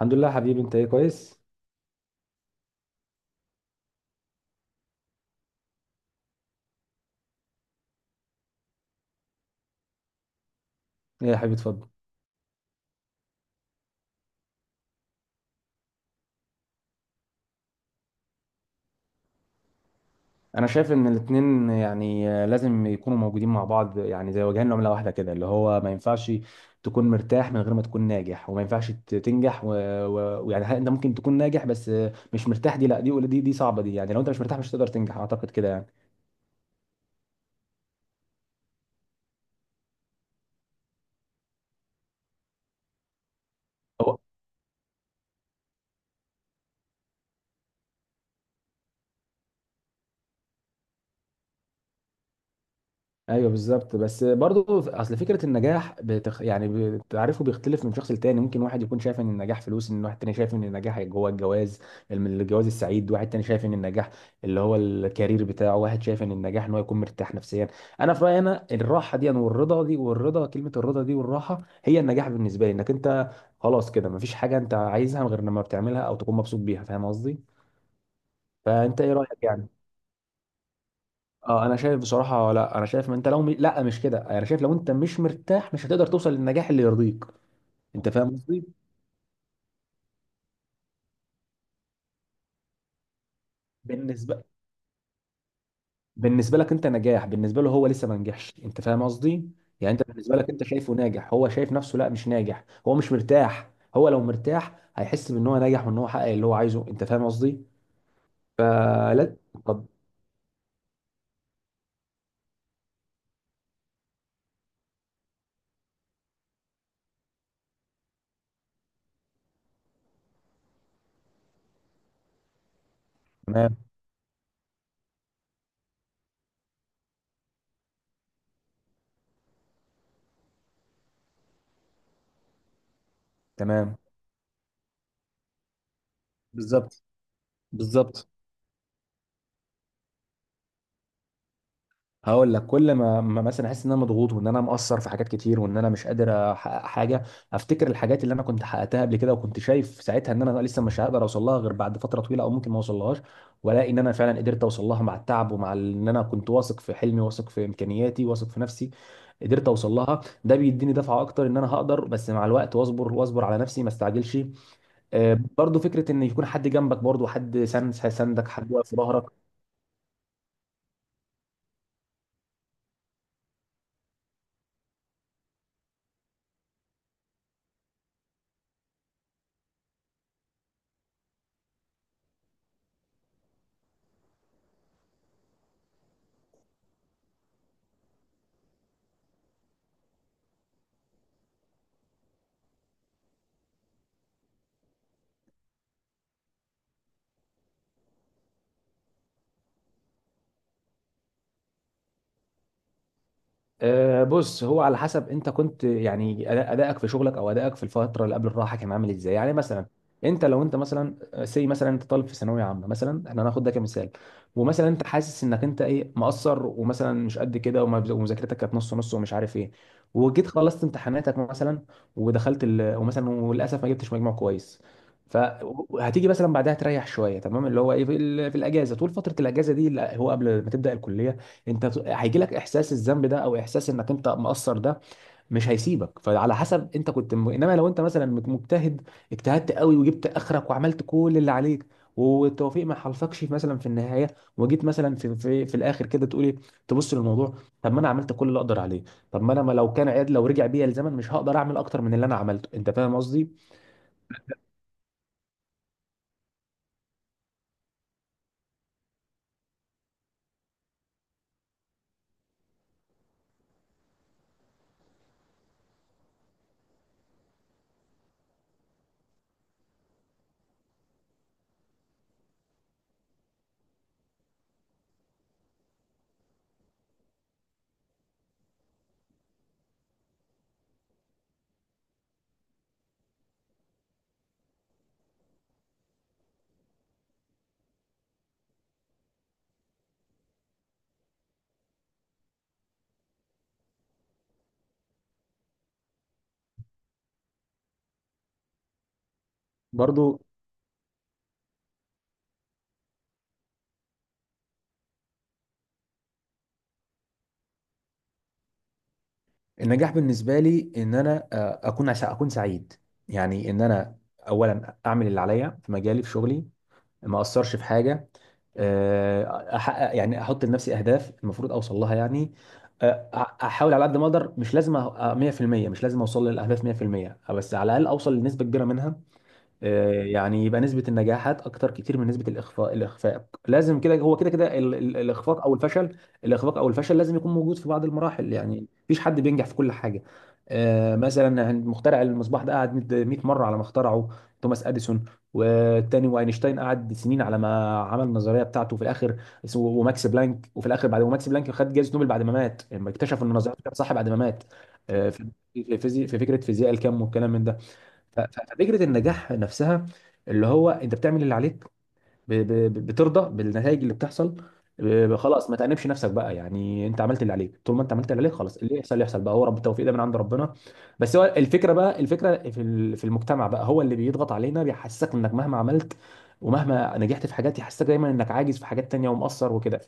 الحمد لله حبيبي، انت ايه؟ كويس. ايه يا حبيبي، اتفضل. انا شايف ان الاتنين يعني لازم يكونوا موجودين مع بعض، يعني زي وجهين لعمله واحده كده، اللي هو ما ينفعش تكون مرتاح من غير ما تكون ناجح، وما ينفعش تنجح انت ممكن تكون ناجح بس مش مرتاح. دي لا، دي صعبه دي، يعني لو انت مش مرتاح مش هتقدر تنجح، اعتقد كده يعني. ايوه بالظبط، بس برضو اصل فكره النجاح يعني تعرفه بيختلف من شخص لتاني، ممكن واحد يكون شايف ان النجاح فلوس، ان واحد تاني شايف ان النجاح جوه الجواز، الجواز السعيد، واحد تاني شايف ان النجاح اللي هو الكارير بتاعه، واحد شايف ان النجاح ان هو يكون مرتاح نفسيا. انا في رايي انا الراحه دي والرضا دي، والرضا كلمه، الرضا دي والراحه هي النجاح بالنسبه لي، انك انت خلاص كده مفيش حاجه انت عايزها غير لما بتعملها او تكون مبسوط بيها، فاهم قصدي؟ فانت ايه رايك يعني؟ اه، انا شايف بصراحه، لا انا شايف، ما انت لو لا مش كده، انا شايف لو انت مش مرتاح مش هتقدر توصل للنجاح اللي يرضيك، انت فاهم قصدي؟ بالنسبه بالنسبه لك انت نجاح، بالنسبه له هو لسه ما نجحش، انت فاهم قصدي؟ يعني انت بالنسبه لك انت شايفه ناجح، هو شايف نفسه لا مش ناجح، هو مش مرتاح، هو لو مرتاح هيحس بان هو ناجح وان هو حقق اللي هو عايزه، انت فاهم قصدي؟ فلا طب. تمام، تمام. بالظبط، بالظبط. هقول لك، كل ما مثلا احس ان انا مضغوط وان انا مقصر في حاجات كتير وان انا مش قادر احقق حاجه، افتكر الحاجات اللي انا كنت حققتها قبل كده، وكنت شايف ساعتها ان انا لسه مش هقدر اوصل لها غير بعد فتره طويله او ممكن ما اوصلهاش، والاقي ان انا فعلا قدرت اوصل لها مع التعب ومع ان انا كنت واثق في حلمي، واثق في امكانياتي، واثق في نفسي، قدرت اوصل لها. ده بيديني دفعه اكتر ان انا هقدر، بس مع الوقت، واصبر واصبر على نفسي ما استعجلش. برضو فكره ان يكون حد جنبك، برضو حد سند، سندك، حد واقف في ظهرك. أه بص، هو على حسب انت كنت يعني ادائك في شغلك او ادائك في الفتره اللي قبل الراحه كان عامل ازاي، يعني مثلا انت لو انت مثلا، مثلا انت طالب في ثانويه عامه مثلا، احنا هناخد ده كمثال، ومثلا انت حاسس انك انت ايه مقصر ومثلا مش قد كده ومذاكرتك كانت نص نص ومش عارف ايه، وجيت خلصت امتحاناتك مثلا، ودخلت ومثلا وللاسف ما جبتش مجموع كويس، فهتيجي مثلا بعدها تريح شويه، تمام، اللي هو ايه في، في الاجازه، طول فتره الاجازه دي اللي هو قبل ما تبدا الكليه، انت هيجيلك احساس الذنب ده او احساس انك انت مقصر ده مش هيسيبك، فعلى حسب انت كنت انما لو انت مثلا مجتهد اجتهدت قوي وجبت اخرك وعملت كل اللي عليك، والتوفيق ما حالفكش مثلا في النهايه، وجيت مثلا في الاخر كده تقول ايه، تبص للموضوع، طب ما انا عملت كل اللي اقدر عليه، طب ما انا ما لو كان عاد لو رجع بيا الزمن مش هقدر اعمل اكتر من اللي انا عملته، انت فاهم قصدي؟ برضو النجاح بالنسبه لي ان انا اكون سعيد، يعني ان انا اولا اعمل اللي عليا في مجالي في شغلي، ما اثرش في حاجه، احقق، يعني احط لنفسي اهداف المفروض اوصل لها يعني، احاول على قد ما اقدر، مش لازم 100%، مش لازم اوصل للاهداف 100%، بس على الاقل اوصل لنسبه كبيره منها. يعني يبقى نسبة النجاحات أكتر كتير من نسبة الإخفاق، الإخفاق لازم كده، هو كده كده الإخفاق أو الفشل، الإخفاق أو الفشل لازم يكون موجود في بعض المراحل، يعني مفيش حد بينجح في كل حاجة. مثلا مخترع المصباح ده قعد 100 مرة على ما اخترعه، توماس أديسون، والتاني واينشتاين قعد سنين على ما عمل النظرية بتاعته في الآخر، وماكس بلانك، وفي الآخر بعد، وماكس بلانك خد جائزة نوبل بعد ما مات، لما اكتشف إن نظريته كانت صح بعد ما مات. في في فكرة فيزياء الكم والكلام من ده. ففكره النجاح نفسها، اللي هو انت بتعمل اللي عليك، بترضى بالنتائج اللي بتحصل، خلاص ما تأنبش نفسك بقى، يعني انت عملت اللي عليك، طول ما انت عملت اللي عليك خلاص، اللي يحصل يحصل بقى، هو رب التوفيق، ده من عند ربنا. بس هو الفكره بقى، الفكره في في المجتمع بقى، هو اللي بيضغط علينا، بيحسسك انك مهما عملت ومهما نجحت في حاجات، يحسسك دايما انك عاجز في حاجات تانية ومقصر وكده.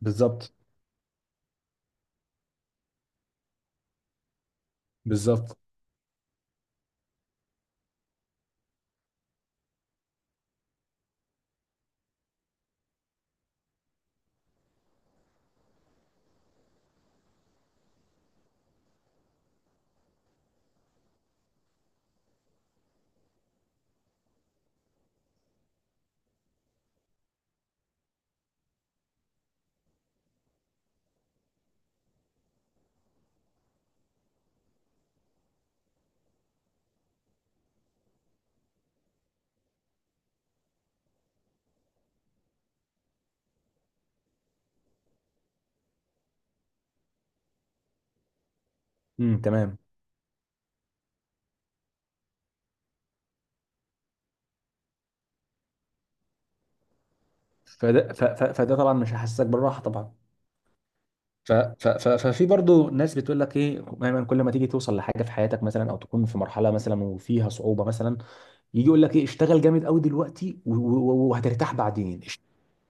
بالظبط، بالظبط. امم، تمام. فده فده طبعا مش هيحسسك بالراحه طبعا. ففي برضو ناس بتقول لك ايه، دايما كل ما تيجي توصل لحاجه في حياتك مثلا، او تكون في مرحله مثلا وفيها صعوبه مثلا، يجي يقول لك ايه اشتغل جامد قوي دلوقتي وهترتاح بعدين،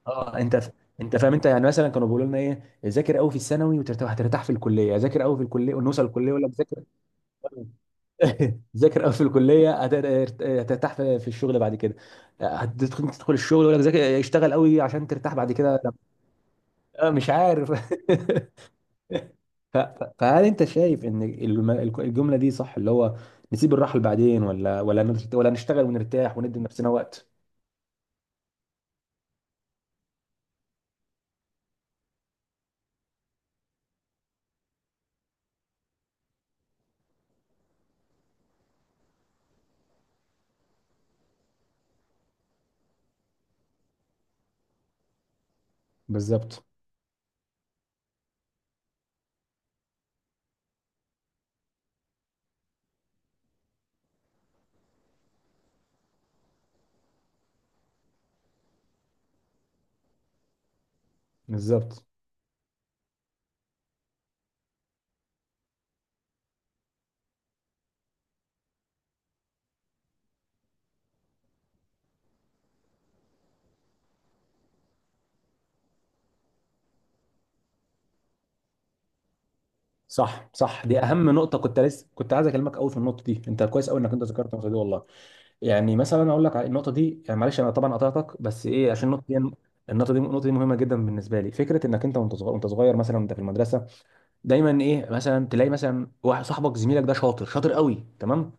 اه انت انت فاهم، انت يعني مثلا كانوا بيقولوا لنا ايه ذاكر قوي في الثانوي وترتاح، هترتاح في الكليه، ذاكر قوي في الكليه، ونوصل الكليه يقول لك ذاكر. ذاكر قوي في الكليه هترتاح في الشغل بعد كده، هتدخل، تدخل الشغل يقول لك ذاكر، اشتغل قوي عشان ترتاح بعد كده. لا، مش عارف. فهل انت شايف ان الجمله دي صح، اللي هو نسيب الراحه بعدين، ولا ولا نشتغل ونرتاح وندي لنفسنا وقت؟ بالظبط، بالظبط. صح، صح، دي اهم نقطه، كنت لسه كنت عايز اكلمك قوي في النقطه دي، انت كويس قوي انك انت ذكرت النقطه دي والله. يعني مثلا اقول لك على النقطه دي يعني، معلش انا طبعا قطعتك، بس ايه عشان النقطه دي، النقطه دي مهمه جدا بالنسبه لي. فكره انك انت وانت صغير، مثلا وانت في المدرسه، دايما ايه مثلا تلاقي مثلا واحد صاحبك زميلك ده شاطر، شاطر قوي تمام،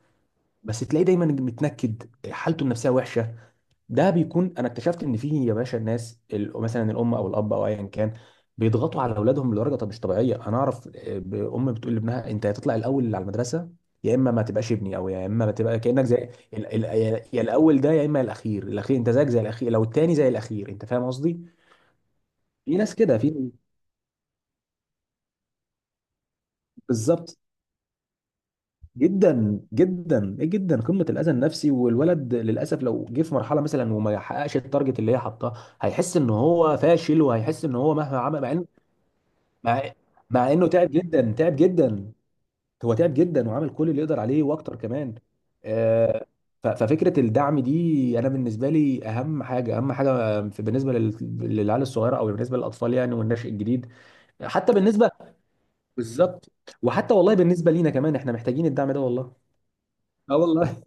بس تلاقيه دايما متنكد، حالته النفسيه وحشه، ده بيكون، انا اكتشفت ان في يا باشا الناس مثلا الام او الاب او ايا كان، بيضغطوا على اولادهم لدرجه طب مش طبيعيه. انا اعرف ام بتقول لابنها انت يا تطلع الاول على المدرسه يا اما ما تبقاش ابني، او يا اما ما تبقى كانك زي ال- ال- يا يا الاول ده، يا اما الاخير، الاخير انت زيك زي الاخير، لو التاني زي الاخير، انت فاهم قصدي؟ في ناس كده، في، بالظبط. جدا جدا، ايه جدا، قمه الاذى النفسي، والولد للاسف لو جه في مرحله مثلا وما يحققش التارجت اللي هي حاطاه، هيحس ان هو فاشل، وهيحس ان هو مهما عمل، مع انه مع, مع انه تعب جدا، تعب جدا، هو تعب جدا وعمل كل اللي يقدر عليه واكتر كمان. آه، ففكره الدعم دي، انا بالنسبه لي اهم حاجه، اهم حاجه بالنسبه للعيال الصغيره او بالنسبه للاطفال يعني، والنشء الجديد. حتى بالنسبه، بالظبط. وحتى والله بالنسبه لينا كمان احنا محتاجين الدعم ده والله. اه والله.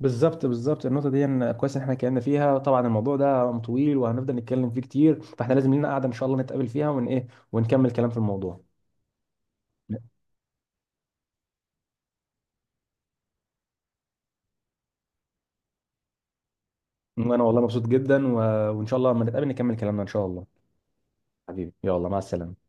بالظبط، بالظبط. النقطة دي إن كويس إن إحنا اتكلمنا فيها، طبعا الموضوع ده طويل وهنفضل نتكلم فيه كتير، فإحنا لازم لنا قعدة إن شاء الله نتقابل فيها ون إيه، ونكمل كلام في الموضوع. وأنا والله مبسوط جدا، وإن شاء الله لما نتقابل نكمل كلامنا إن شاء الله. حبيبي، يلا مع السلامة.